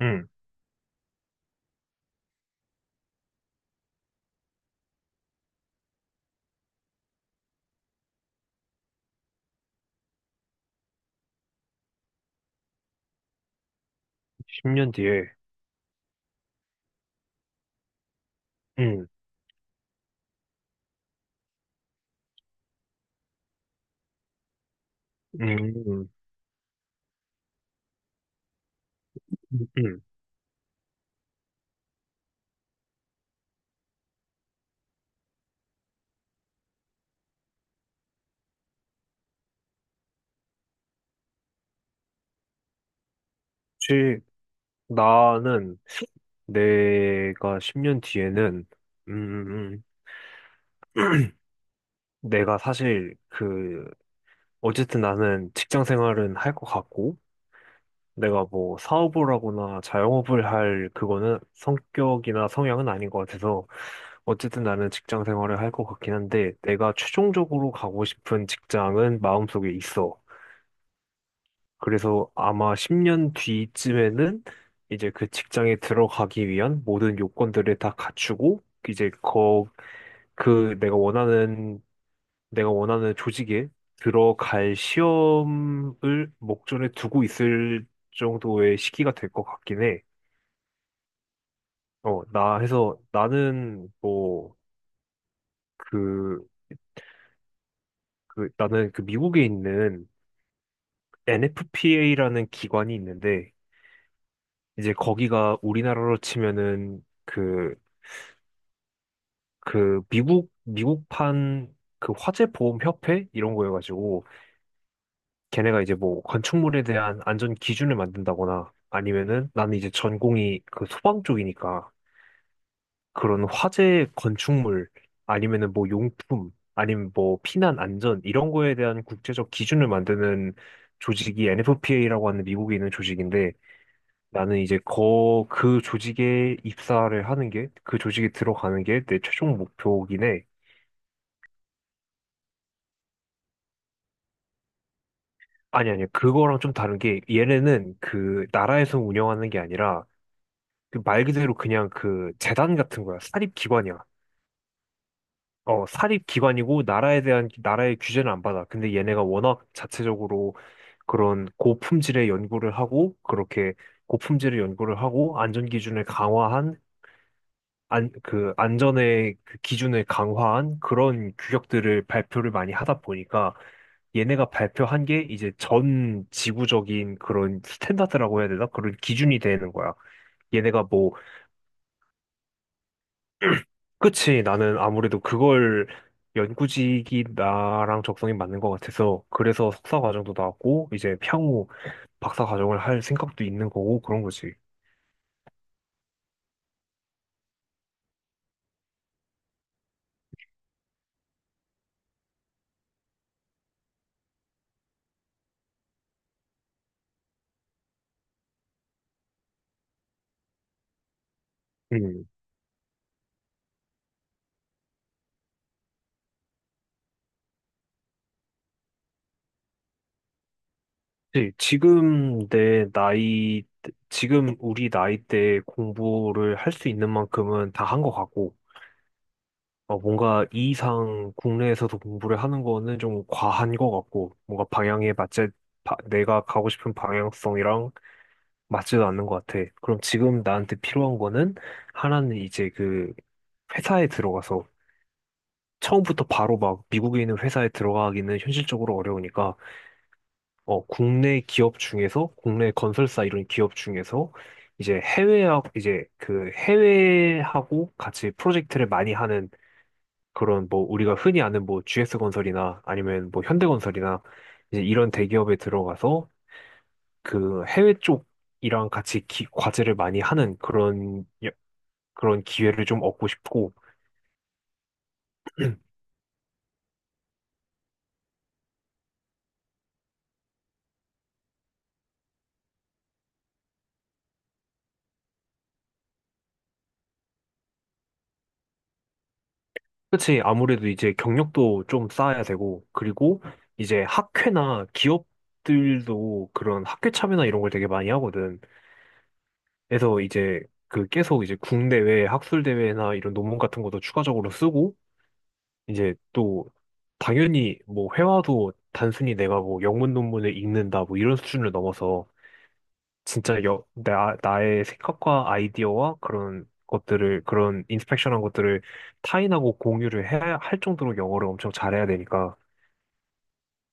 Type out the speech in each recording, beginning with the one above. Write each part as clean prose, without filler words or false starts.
응, 10년 뒤에. 응, 응, 응, 응. 혹시 나는 내가 10년 뒤에는, 음, 음, 음, 내가 사실 어쨌든 나는 직장 생활은 할 것 같고, 내가 뭐 사업을 하거나 자영업을 할 그거는 성격이나 성향은 아닌 것 같아서, 어쨌든 나는 직장 생활을 할 것 같긴 한데, 내가 최종적으로 가고 싶은 직장은 마음속에 있어. 그래서 아마 10년 뒤쯤에는 이제 그 직장에 들어가기 위한 모든 요건들을 다 갖추고 이제 그 내가 원하는 조직에 들어갈 시험을 목전에 두고 있을 정도의 시기가 될 것 같긴 해. 어, 나 해서 나는 뭐 그, 그 나는 그 미국에 있는 NFPA라는 기관이 있는데 이제 거기가 우리나라로 치면은 미국판 그 화재 보험 협회 이런 거여가지고 걔네가 이제 뭐 건축물에 대한 안전 기준을 만든다거나 아니면은 나는 이제 전공이 그 소방 쪽이니까 그런 화재 건축물 아니면은 뭐 용품 아니면 뭐 피난 안전 이런 거에 대한 국제적 기준을 만드는 조직이 NFPA라고 하는 미국에 있는 조직인데 나는 이제 거 그 조직에 입사를 하는 게 그 조직에 들어가는 게 내 최종 목표긴 해. 아니, 아니, 그거랑 좀 다른 게, 얘네는 그, 나라에서 운영하는 게 아니라, 그 말 그대로 그냥 그, 재단 같은 거야. 사립기관이야. 어, 사립기관이고, 나라에 대한, 나라의 규제는 안 받아. 근데 얘네가 워낙 자체적으로 그런 고품질의 연구를 하고, 그렇게 고품질의 연구를 하고, 안전기준을 강화한 안, 그 안전의 그 기준을 강화한 그런 규격들을 발표를 많이 하다 보니까 얘네가 발표한 게 이제 전 지구적인 그런 스탠다드라고 해야 되나? 그런 기준이 되는 거야. 얘네가 뭐, 그치, 나는 아무래도 그걸 연구직이 나랑 적성이 맞는 것 같아서 그래서 석사 과정도 나왔고 이제 향후 박사 과정을 할 생각도 있는 거고 그런 거지. 음. 네, 지금 내 나이, 지금 우리 나이 때 공부를 할 수 있는 만큼은 다 한 것 같고, 어, 뭔가 이 이상 국내에서도 공부를 하는 거는 좀 과한 것 같고, 뭔가 방향에 맞지, 내가 가고 싶은 방향성이랑 맞지도 않는 것 같아. 그럼 지금 나한테 필요한 거는 하나는 이제 그 회사에 들어가서 처음부터 바로 막 미국에 있는 회사에 들어가기는 현실적으로 어려우니까 어, 국내 기업 중에서, 국내 건설사 이런 기업 중에서, 이제 해외하고, 같이 프로젝트를 많이 하는 그런 뭐 우리가 흔히 아는 뭐 GS건설이나 아니면 뭐 현대건설이나 이제 이런 대기업에 들어가서 그 해외 쪽이랑 같이 과제를 많이 하는 그런 기회를 좀 얻고 싶고, 그치. 아무래도 이제 경력도 좀 쌓아야 되고, 그리고 이제 학회나 기업들도 그런 학회 참여나 이런 걸 되게 많이 하거든. 그래서 이제 그 계속 이제 국내외 학술대회나 이런 논문 같은 것도 추가적으로 쓰고, 이제 또 당연히 뭐 회화도 단순히 내가 뭐 영문 논문을 읽는다 뭐 이런 수준을 넘어서 진짜 나의 생각과 아이디어와 그런 것들을, 그런 인스펙션한 것들을 타인하고 공유를 해야 할 정도로 영어를 엄청 잘해야 되니까,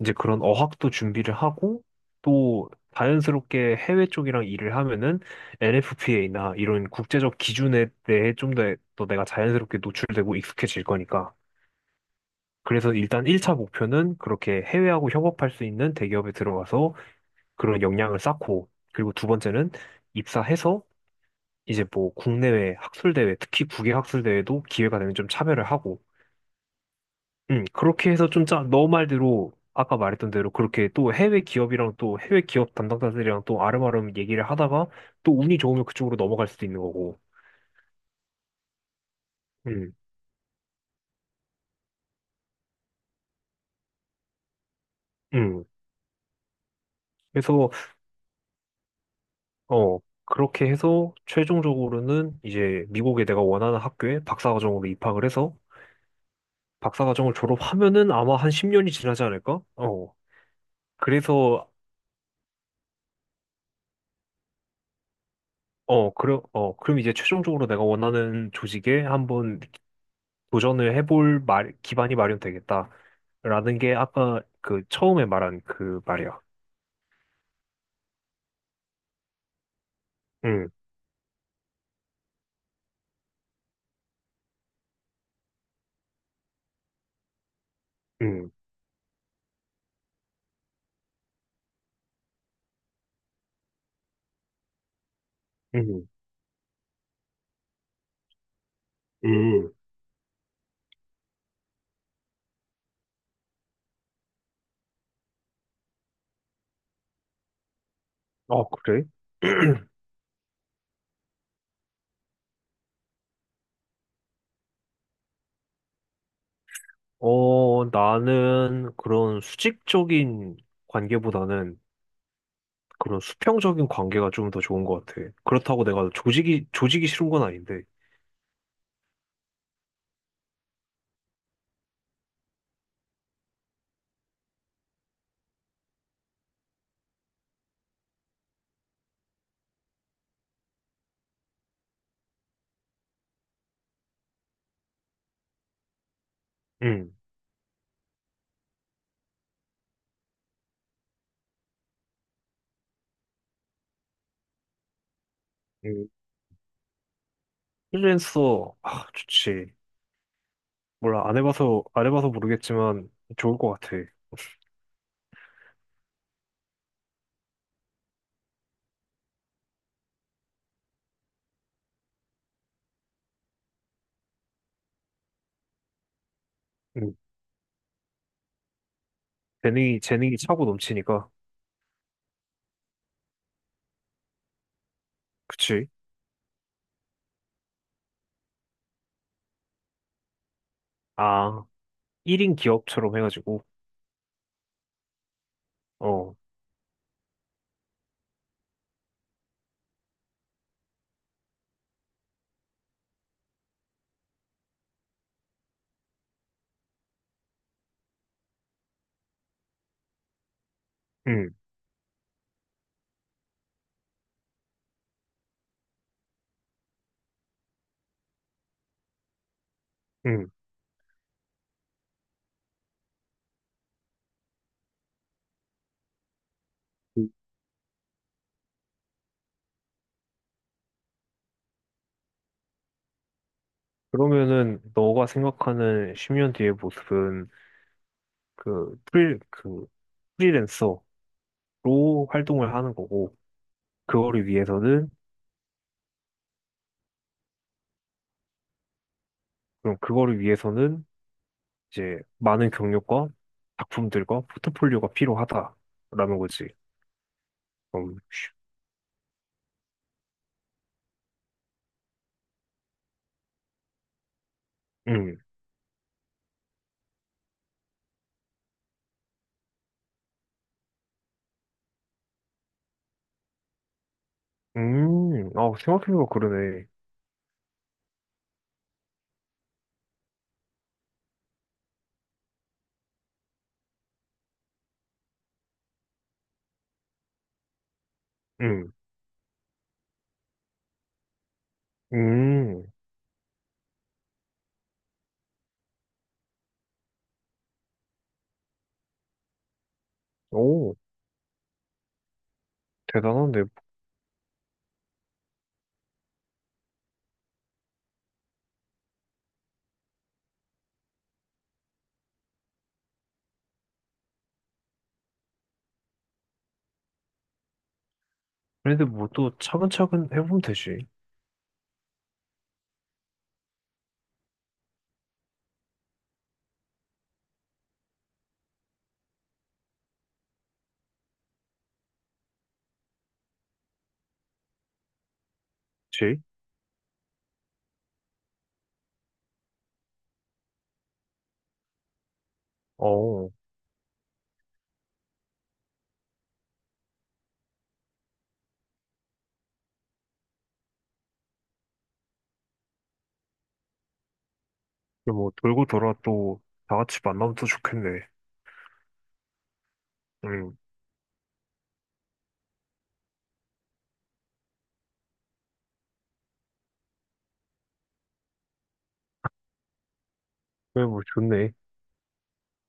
이제 그런 어학도 준비를 하고, 또 자연스럽게 해외 쪽이랑 일을 하면은 NFPA나 이런 국제적 기준에 대해 좀 더 또 내가 자연스럽게 노출되고 익숙해질 거니까. 그래서 일단 1차 목표는 그렇게 해외하고 협업할 수 있는 대기업에 들어가서 그런 역량을 쌓고, 그리고 두 번째는 입사해서 이제 뭐 국내외 학술대회, 특히 국외 학술대회도 기회가 되면 좀 참여를 하고, 그렇게 해서 좀 너 말대로, 아까 말했던 대로 그렇게 또 해외 기업이랑 또 해외 기업 담당자들이랑 또 아름아름 얘기를 하다가 또 운이 좋으면 그쪽으로 넘어갈 수도 있는 거고, 음, 음. 그래서, 어, 그렇게 해서 최종적으로는 이제 미국에 내가 원하는 학교에 박사과정으로 입학을 해서 박사과정을 졸업하면은 아마 한 10년이 지나지 않을까? 어. 그래서 어, 그럼, 어, 그럼 이제 최종적으로 내가 원하는 조직에 한번 도전을 해볼 기반이 마련되겠다. 라는 게 아까 그 처음에 말한 그 말이야. 응, 응, 응, 응. 아, 그래? 어, 나는 그런 수직적인 관계보다는 그런 수평적인 관계가 좀 더 좋은 것 같아. 그렇다고 내가 조직이 싫은 건 아닌데. 응, 응. 프리랜서, 아, 좋지. 몰라, 안 해봐서 모르겠지만 좋을 것 같아. 음, 재능이 차고 넘치니까. 그치? 아, 1인 기업처럼 해가지고. 어, 응, 응, 그- 러면은 너가 생각하는 10년 뒤의 모습은, 그, 프리, 그, 프리랜서로 활동을 하는 거고, 그거를 위해서는, 그럼 그거를 위해서는, 이제, 많은 경력과 작품들과 포트폴리오가 필요하다라는 거지. 음, 음, 아, 생각해보니까 그러네. 음, 음, 오. 대단한데. 그런데 뭐 또 차근차근 해보면 되지. 그치? 어, 그뭐 돌고 돌아 또 다 같이 만나면 또 좋겠네. 응. 그래, 뭐 좋네.